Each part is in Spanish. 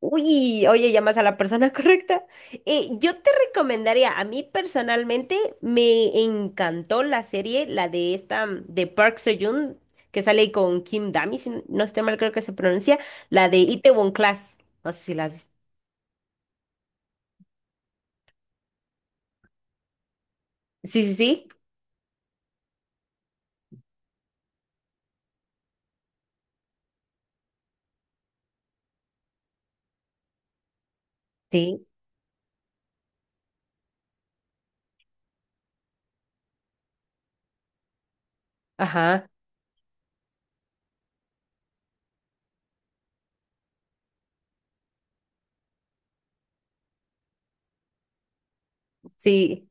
Uy, oye, llamas a la persona correcta. Yo te recomendaría, a mí personalmente me encantó la serie, la de esta, de Park Seo-joon, que sale con Kim Dami, si no estoy mal, creo que se pronuncia, la de Itaewon Class. No sé si la has visto. Sí, sí, sí. Sí, ajá, sí.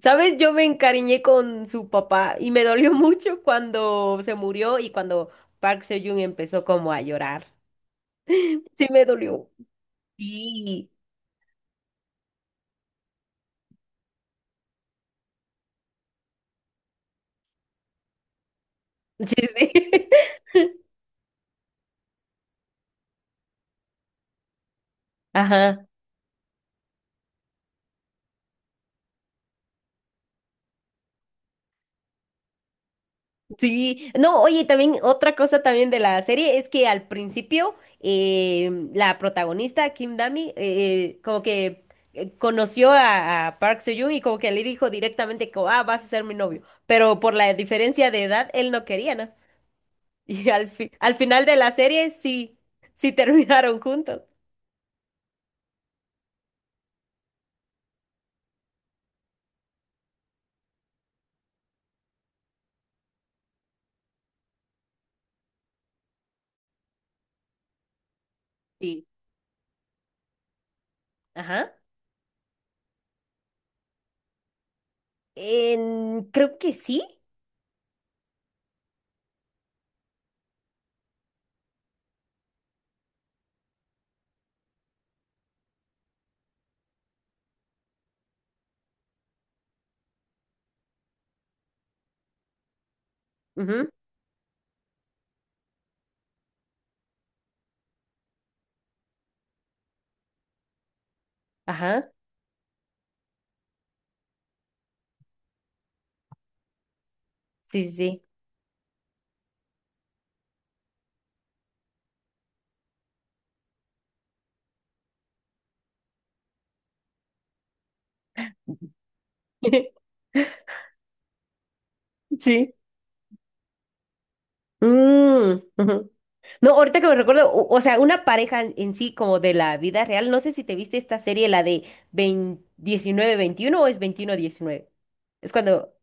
¿Sabes? Yo me encariñé con su papá y me dolió mucho cuando se murió y cuando Park Seo-joon empezó como a llorar. Sí, me dolió. Sí. Sí, sí. Ajá, sí. No, oye, también otra cosa también de la serie es que al principio la protagonista, Kim Dami, como que conoció a, Park Seo-joon y como que le dijo directamente como, ah, vas a ser mi novio. Pero por la diferencia de edad, él no quería, ¿no? Y al final de la serie sí, sí terminaron juntos. Sí. Ajá. Creo que sí. Ujú. Ajá. Sí, sí, sí. Sí. Mm, ujú. No, ahorita que me recuerdo, o sea, una pareja en sí como de la vida real, no sé si te viste esta serie, la de 19 veintiuno o es veintiuno diecinueve. Es cuando...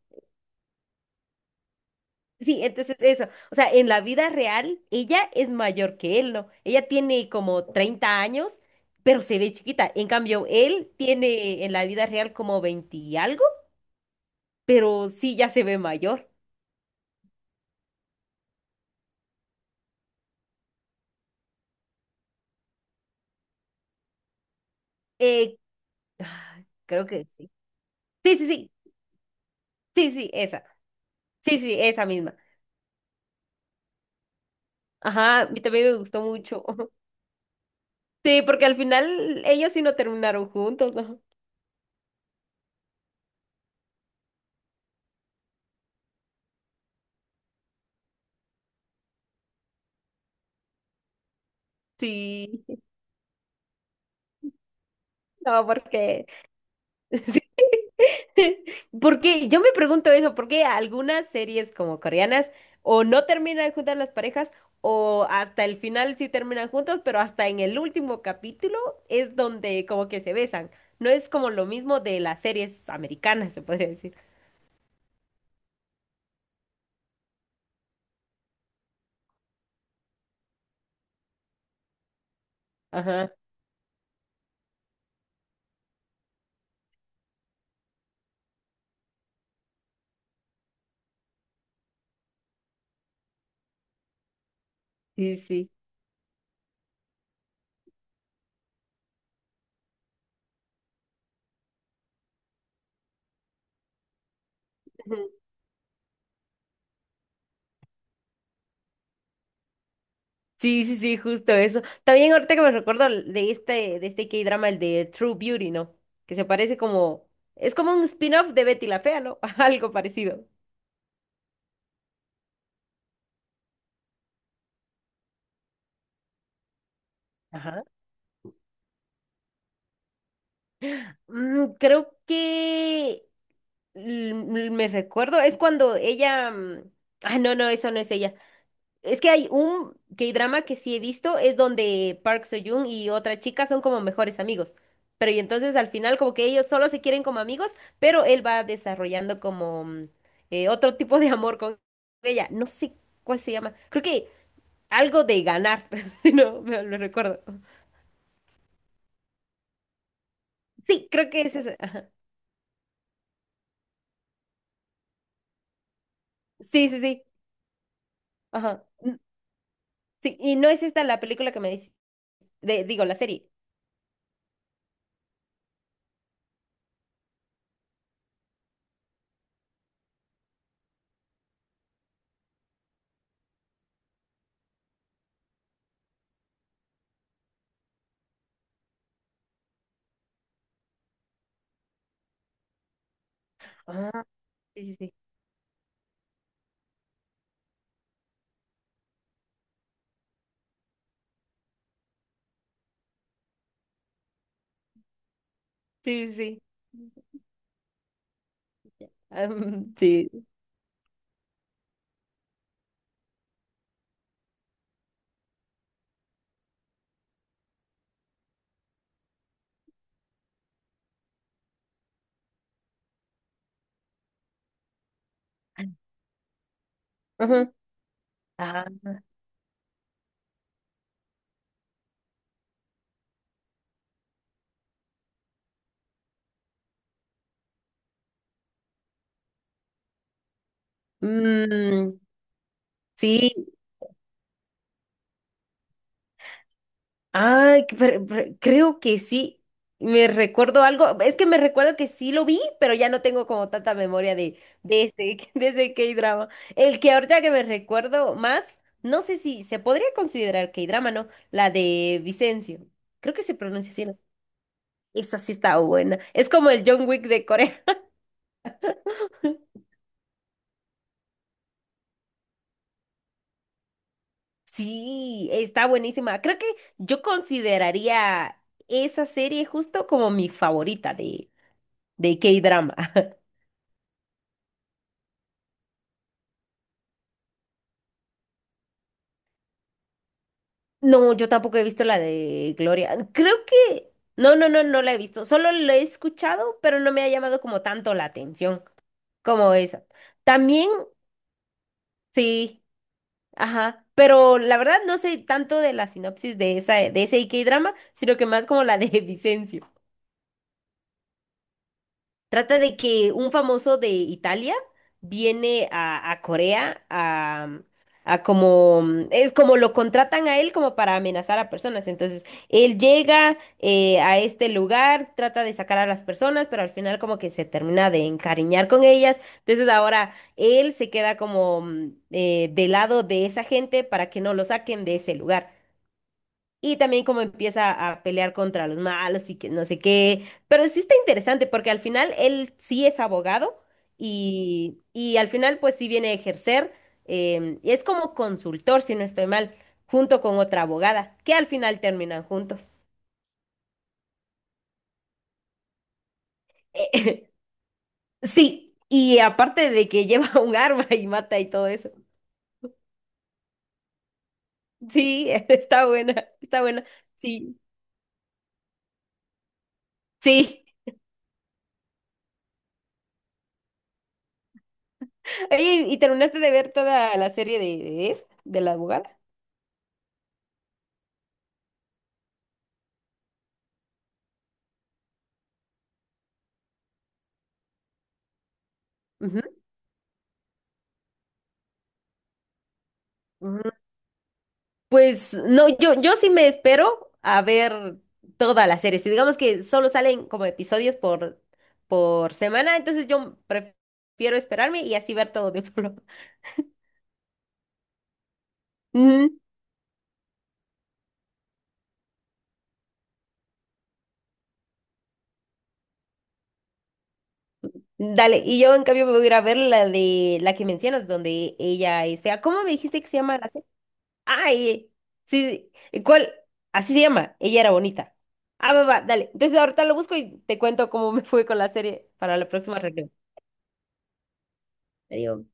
Sí, entonces eso. O sea, en la vida real, ella es mayor que él, ¿no? Ella tiene como 30 años, pero se ve chiquita. En cambio, él tiene en la vida real como 20 y algo, pero sí ya se ve mayor. Eh, ah, creo que sí. Sí, sí, sí. Sí, sí, esa. Sí, sí, esa misma. Ajá, y también me gustó mucho. Sí, porque al final ellos sí no terminaron juntos, ¿no? Sí, no, porque... Sí. Porque yo me pregunto eso, ¿por qué algunas series como coreanas o no terminan juntas las parejas o hasta el final sí terminan juntos, pero hasta en el último capítulo es donde como que se besan? No es como lo mismo de las series americanas, se podría decir. Ajá, sí, sí. Sí, sí, sí, justo eso. También ahorita que me recuerdo de este K-drama, el de True Beauty, ¿no? Que se parece como, es como un spin-off de Betty la Fea, ¿no? Algo parecido. Ajá. Mm, creo que me recuerdo, es cuando ella, ah, no, no, eso no es ella. Es que hay un K-drama que sí he visto, es donde Park Soo-joon y otra chica son como mejores amigos. Pero y entonces al final como que ellos solo se quieren como amigos, pero él va desarrollando como otro tipo de amor con ella. No sé cuál se llama. Creo que algo de ganar. No, me lo recuerdo. Sí, creo que es esa. Ajá. Sí, sí, sí. Ajá. Sí, y no es esta la película que me dice. De, digo, la serie. Ah, sí, sí, sí. Sí, sí, sí. Ah, mm, sí. Ajá. Ah, mm, sí, ay, pero creo que sí. Me recuerdo algo, es que me recuerdo que sí lo vi, pero ya no tengo como tanta memoria de, ese, de ese K-drama. El que ahorita que me recuerdo más, no sé si se podría considerar K-drama, ¿no? La de Vicencio. Creo que se pronuncia así, ¿no? Esa sí está buena. Es como el John Wick de Corea. Sí, está buenísima. Creo que yo consideraría esa serie justo como mi favorita de K-drama. No, yo tampoco he visto la de Gloria. Creo que... No, no, no, no la he visto. Solo la he escuchado, pero no me ha llamado como tanto la atención como esa. También, sí, ajá. Pero la verdad no sé tanto de la sinopsis de esa, de ese K-drama, sino que más como la de Vicencio. Trata de que un famoso de Italia viene a, Corea a como, es como lo contratan a él como para amenazar a personas. Entonces, él llega a este lugar, trata de sacar a las personas, pero al final como que se termina de encariñar con ellas. Entonces, ahora él se queda como del lado de esa gente para que no lo saquen de ese lugar. Y también como empieza a pelear contra los malos y que no sé qué. Pero sí está interesante porque al final él sí es abogado y, al final pues sí viene a ejercer. Y es como consultor, si no estoy mal, junto con otra abogada, que al final terminan juntos. Sí, y aparte de que lleva un arma y mata y todo eso. Sí, está buena, está buena. Sí, sí. Oye, ¿y terminaste de ver toda la serie de, esa, de la abogada? Ujú. Pues no, yo sí me espero a ver toda la serie. Si digamos que solo salen como episodios por semana, entonces yo prefiero esperarme y así ver todo de un solo. Ujú. Dale, y yo en cambio me voy a ir a ver la de la que mencionas, donde ella es fea. ¿Cómo me dijiste que se llama la serie? Ay, sí, sí, ¿cuál? Así se llama, ella era bonita. Ah, va, va, dale. Entonces ahorita lo busco y te cuento cómo me fue con la serie para la próxima reunión. Adiós.